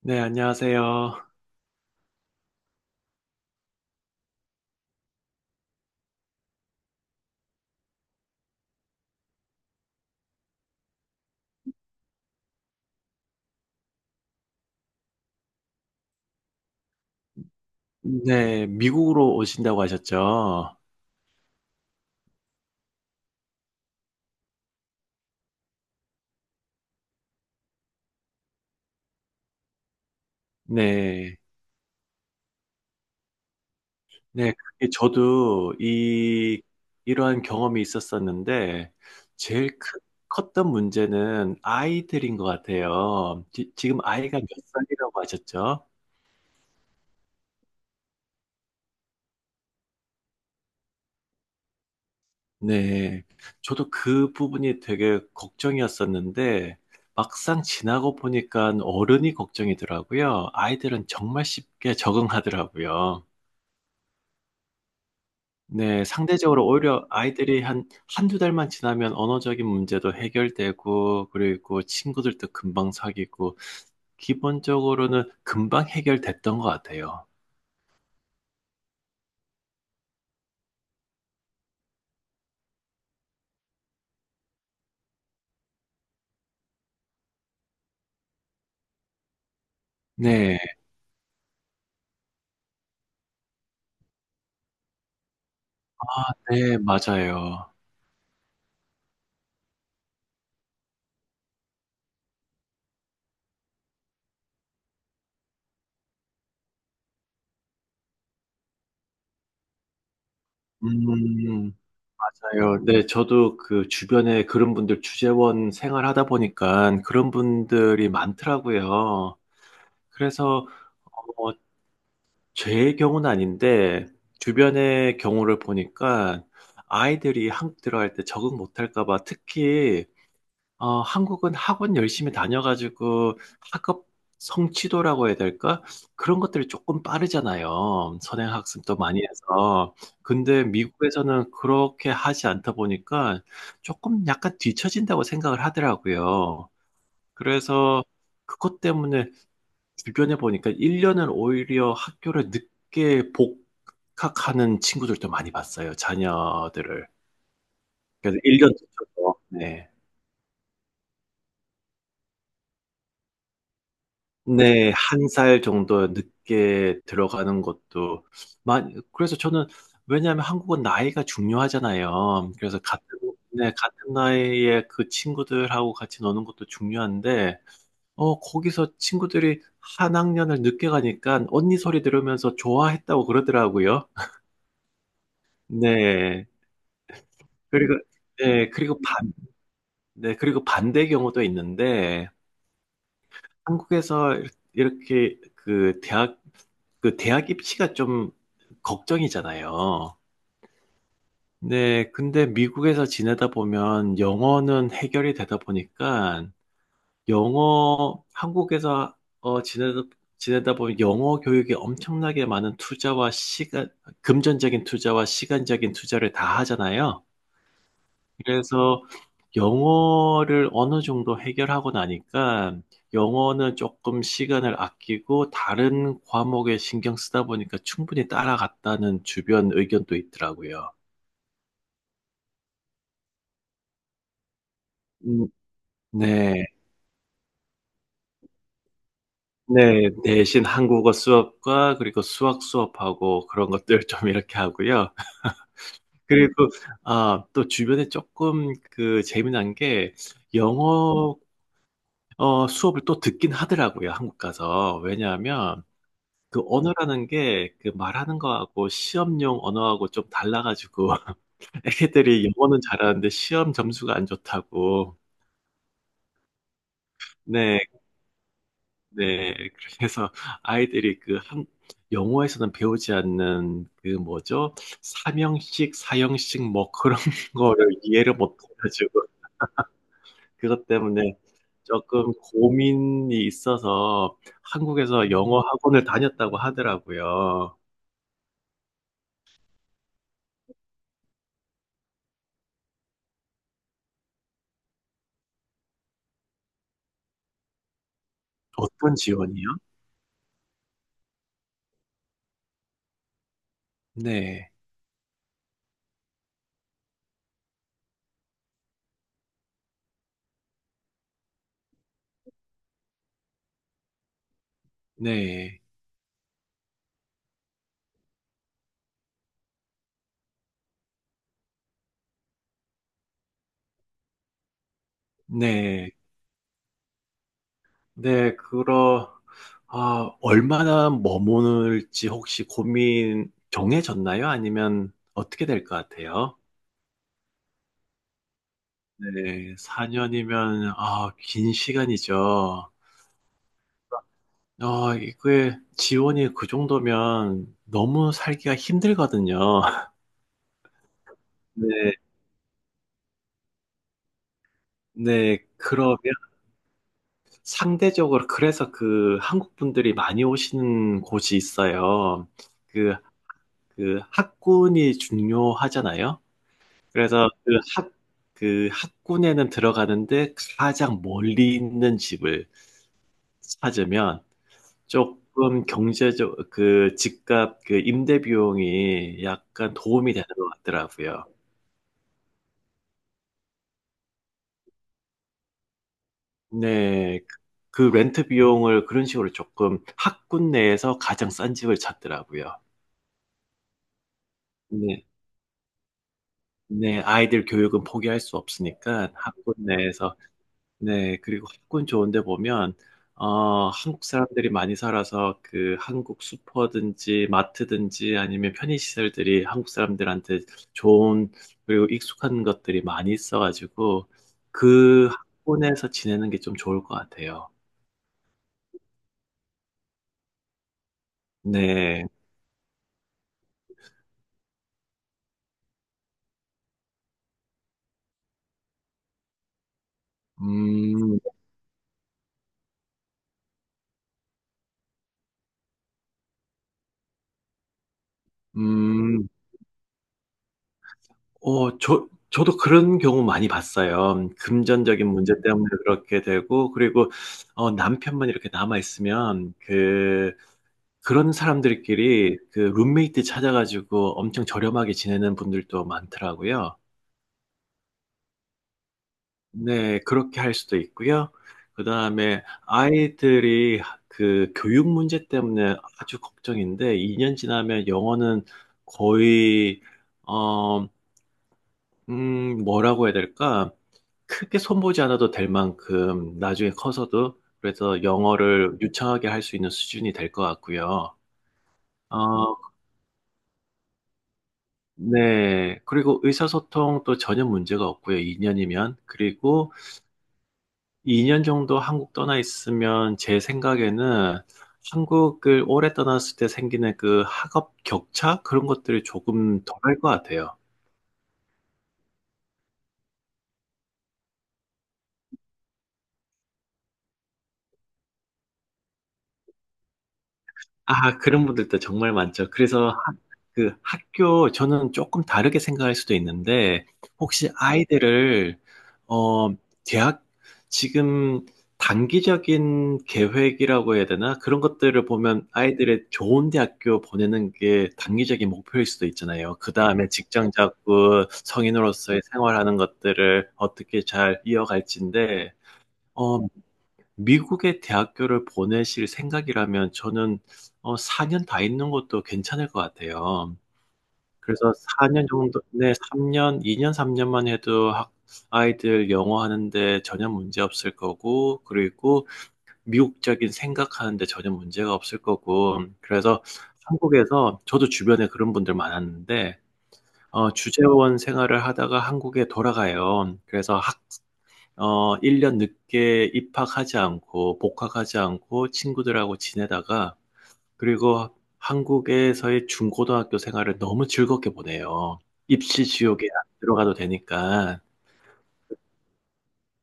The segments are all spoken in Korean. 네, 안녕하세요. 네, 미국으로 오신다고 하셨죠? 네, 네, 그게 저도 이러한 경험이 있었었는데, 제일 크, 컸던 문제는 아이들인 것 같아요. 지금 아이가 몇 살이라고 하셨죠? 네, 저도 그 부분이 되게 걱정이었었는데, 막상 지나고 보니까 어른이 걱정이더라고요. 아이들은 정말 쉽게 적응하더라고요. 네, 상대적으로 오히려 아이들이 한 한두 달만 지나면 언어적인 문제도 해결되고, 그리고 친구들도 금방 사귀고, 기본적으로는 금방 해결됐던 것 같아요. 네, 네, 맞아요. 음, 맞아요. 네, 저도 그 주변에 그런 분들 주재원 생활하다 보니까 그런 분들이 많더라고요. 그래서 어, 제 경우는 아닌데 주변의 경우를 보니까 아이들이 한국 들어갈 때 적응 못할까 봐 특히 한국은 학원 열심히 다녀가지고 학업 성취도라고 해야 될까? 그런 것들이 조금 빠르잖아요. 선행학습도 많이 해서. 근데 미국에서는 그렇게 하지 않다 보니까 조금 약간 뒤처진다고 생각을 하더라고요. 그래서 그것 때문에 주변에 보니까 1년을 오히려 학교를 늦게 복학하는 친구들도 많이 봤어요, 자녀들을. 그래서 1년 늦춰서 네. 네. 한 살 정도 늦게 들어가는 것도 많이, 그래서 저는, 왜냐하면 한국은 나이가 중요하잖아요. 그래서 같은, 네, 같은 나이에 그 친구들하고 같이 노는 것도 중요한데 거기서 친구들이 한 학년을 늦게 가니까 언니 소리 들으면서 좋아했다고 그러더라고요. 네. 그리고, 네, 그리고 반, 네, 그리고 반대 경우도 있는데, 한국에서 이렇- 게 그 대학, 그 대학 입시가 좀 걱정이잖아요. 네, 근데 미국에서 지내다 보면 영어는 해결이 되다 보니까, 영어, 한국에서 지내다 보면 영어 교육에 엄청나게 많은 투자와 시간, 금전적인 투자와 시간적인 투자를 다 하잖아요. 그래서 영어를 어느 정도 해결하고 나니까 영어는 조금 시간을 아끼고 다른 과목에 신경 쓰다 보니까 충분히 따라갔다는 주변 의견도 있더라고요. 음, 네. 네, 대신 한국어 수업과 그리고 수학 수업하고 그런 것들 좀 이렇게 하고요. 그리고 아, 또 주변에 조금 그 재미난 게 영어, 수업을 또 듣긴 하더라고요, 한국 가서. 왜냐하면 그 언어라는 게 그 말하는 거하고 시험용 언어하고 좀 달라가지고 애기들이 영어는 잘하는데 시험 점수가 안 좋다고. 네, 네. 그래서 아이들이 그 한, 영어에서는 배우지 않는 그 뭐죠? 삼형식, 사형식 뭐 그런 거를 이해를 못해가지고 그것 때문에 조금 고민이 있어서 한국에서 영어 학원을 다녔다고 하더라고요. 어떤 지원이요? 네, 네. 네. 네, 그러, 아, 얼마나 머무를지 혹시 고민 정해졌나요? 아니면 어떻게 될 것 같아요? 네, 4년이면, 아, 긴 시간이죠. 아, 이게 지원이 그 정도면 너무 살기가 힘들거든요. 네, 네, 그러면 상대적으로, 그래서 그 한국 분들이 많이 오시는 곳이 있어요. 그, 그 학군이 중요하잖아요. 그래서 그 학군에는 들어가는데 가장 멀리 있는 집을 찾으면 조금 경제적, 그 집값, 그 임대 비용이 약간 도움이 되는 것 같더라고요. 네. 그 렌트 비용을 그런 식으로 조금 학군 내에서 가장 싼 집을 찾더라고요. 네. 네. 아이들 교육은 포기할 수 없으니까 학군 내에서. 네, 그리고 학군 좋은데 보면, 한국 사람들이 많이 살아서 그 한국 슈퍼든지 마트든지 아니면 편의시설들이 한국 사람들한테 좋은, 그리고 익숙한 것들이 많이 있어가지고 그 학군에서 지내는 게 좀 좋을 것 같아요. 네, 음, 음, 저도 그런 경우 많이 봤어요. 금전적인 문제 때문에 그렇게 되고, 그리고 남편만 이렇게 남아 있으면 그런 사람들끼리 그 룸메이트 찾아 가지고 엄청 저렴하게 지내는 분들도 많더라고요. 네. 그렇게 할 수도 있고요. 그다음에 아이들이 하 그 교육 문제 때문에 아주 걱정인데 2년 지나면 영어는 거의 어 뭐라고 해야 될까? 크게 손보지 않아도 될 만큼 나중에 커서도, 그래서 영어를 유창하게 할 수 있는 수준이 될 것 같고요. 어 네. 그리고 의사소통도 전혀 문제가 없고요, 2년이면. 그리고 2년 정도 한국 떠나 있으면 제 생각에는 한국을 오래 떠났을 때 생기는 그 학업 격차? 그런 것들이 조금 덜 할 것 같아요. 아, 그런 분들도 정말 많죠. 그래서 하- 그 학교, 저는 조금 다르게 생각할 수도 있는데, 혹시 아이들을, 어, 대학, 지금 단기적인 계획이라고 해야 되나? 그런 것들을 보면 아이들의 좋은 대학교 보내는 게 단기적인 목표일 수도 있잖아요. 그 다음에 직장 잡고 성인으로서의 생활하는 것들을 어떻게 잘 이어갈지인데, 어, 미국의 대학교를 보내실 생각이라면 저는 4 년 다 있는 것도 괜찮을 것 같아요. 그래서 4년 정도 네 3 년 2년 3 년만 해도 학 아이들 영어 하는데 전혀 문제 없을 거고, 그리고 미국적인 생각하는데 전혀 문제가 없을 거고, 그래서 한국에서, 저도 주변에 그런 분들 많았는데 주재원 생활을 하다가 한국에 돌아가요. 그래서 1년 늦게 입학하지 않고 복학하지 않고 친구들하고 지내다가 그리고 한국에서의 중고등학교 생활을 너무 즐겁게 보내요. 입시 지옥에 안 들어가도 되니까.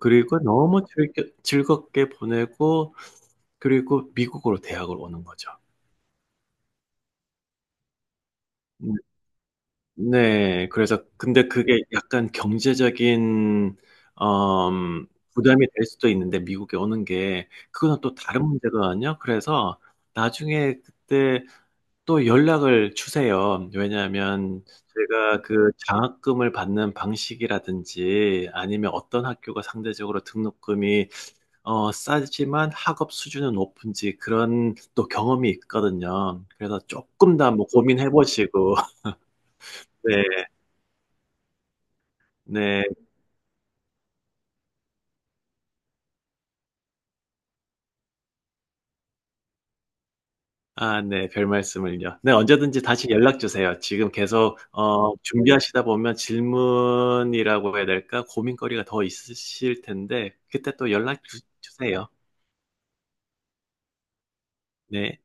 그리고 즐겁게 보내고 그리고 미국으로 대학을 오는 거죠. 음. 네. 그래서 근데 그게 약간 경제적인 엄 부담이 될 수도 있는데, 미국에 오는 게 그거는 또 다른 문제거든요. 그래서 나중에 그때 또 연락을 주세요. 왜냐하면 제가 그 장학금을 받는 방식이라든지 아니면 어떤 학교가 상대적으로 등록금이 싸지만 학업 수준은 높은지, 그런 또 경험이 있거든요. 그래서 쪼끔 더 한번 고민해 보시고. 네. 네. 아, 네. 별 말씀을요. 네, 언제든지 다시 연락 주세요. 지금 계속 준비하시다 보면 질문이라고 해야 될까? 고민거리가 더 있으실 텐데 그때 또 연락 주 주세요. 네.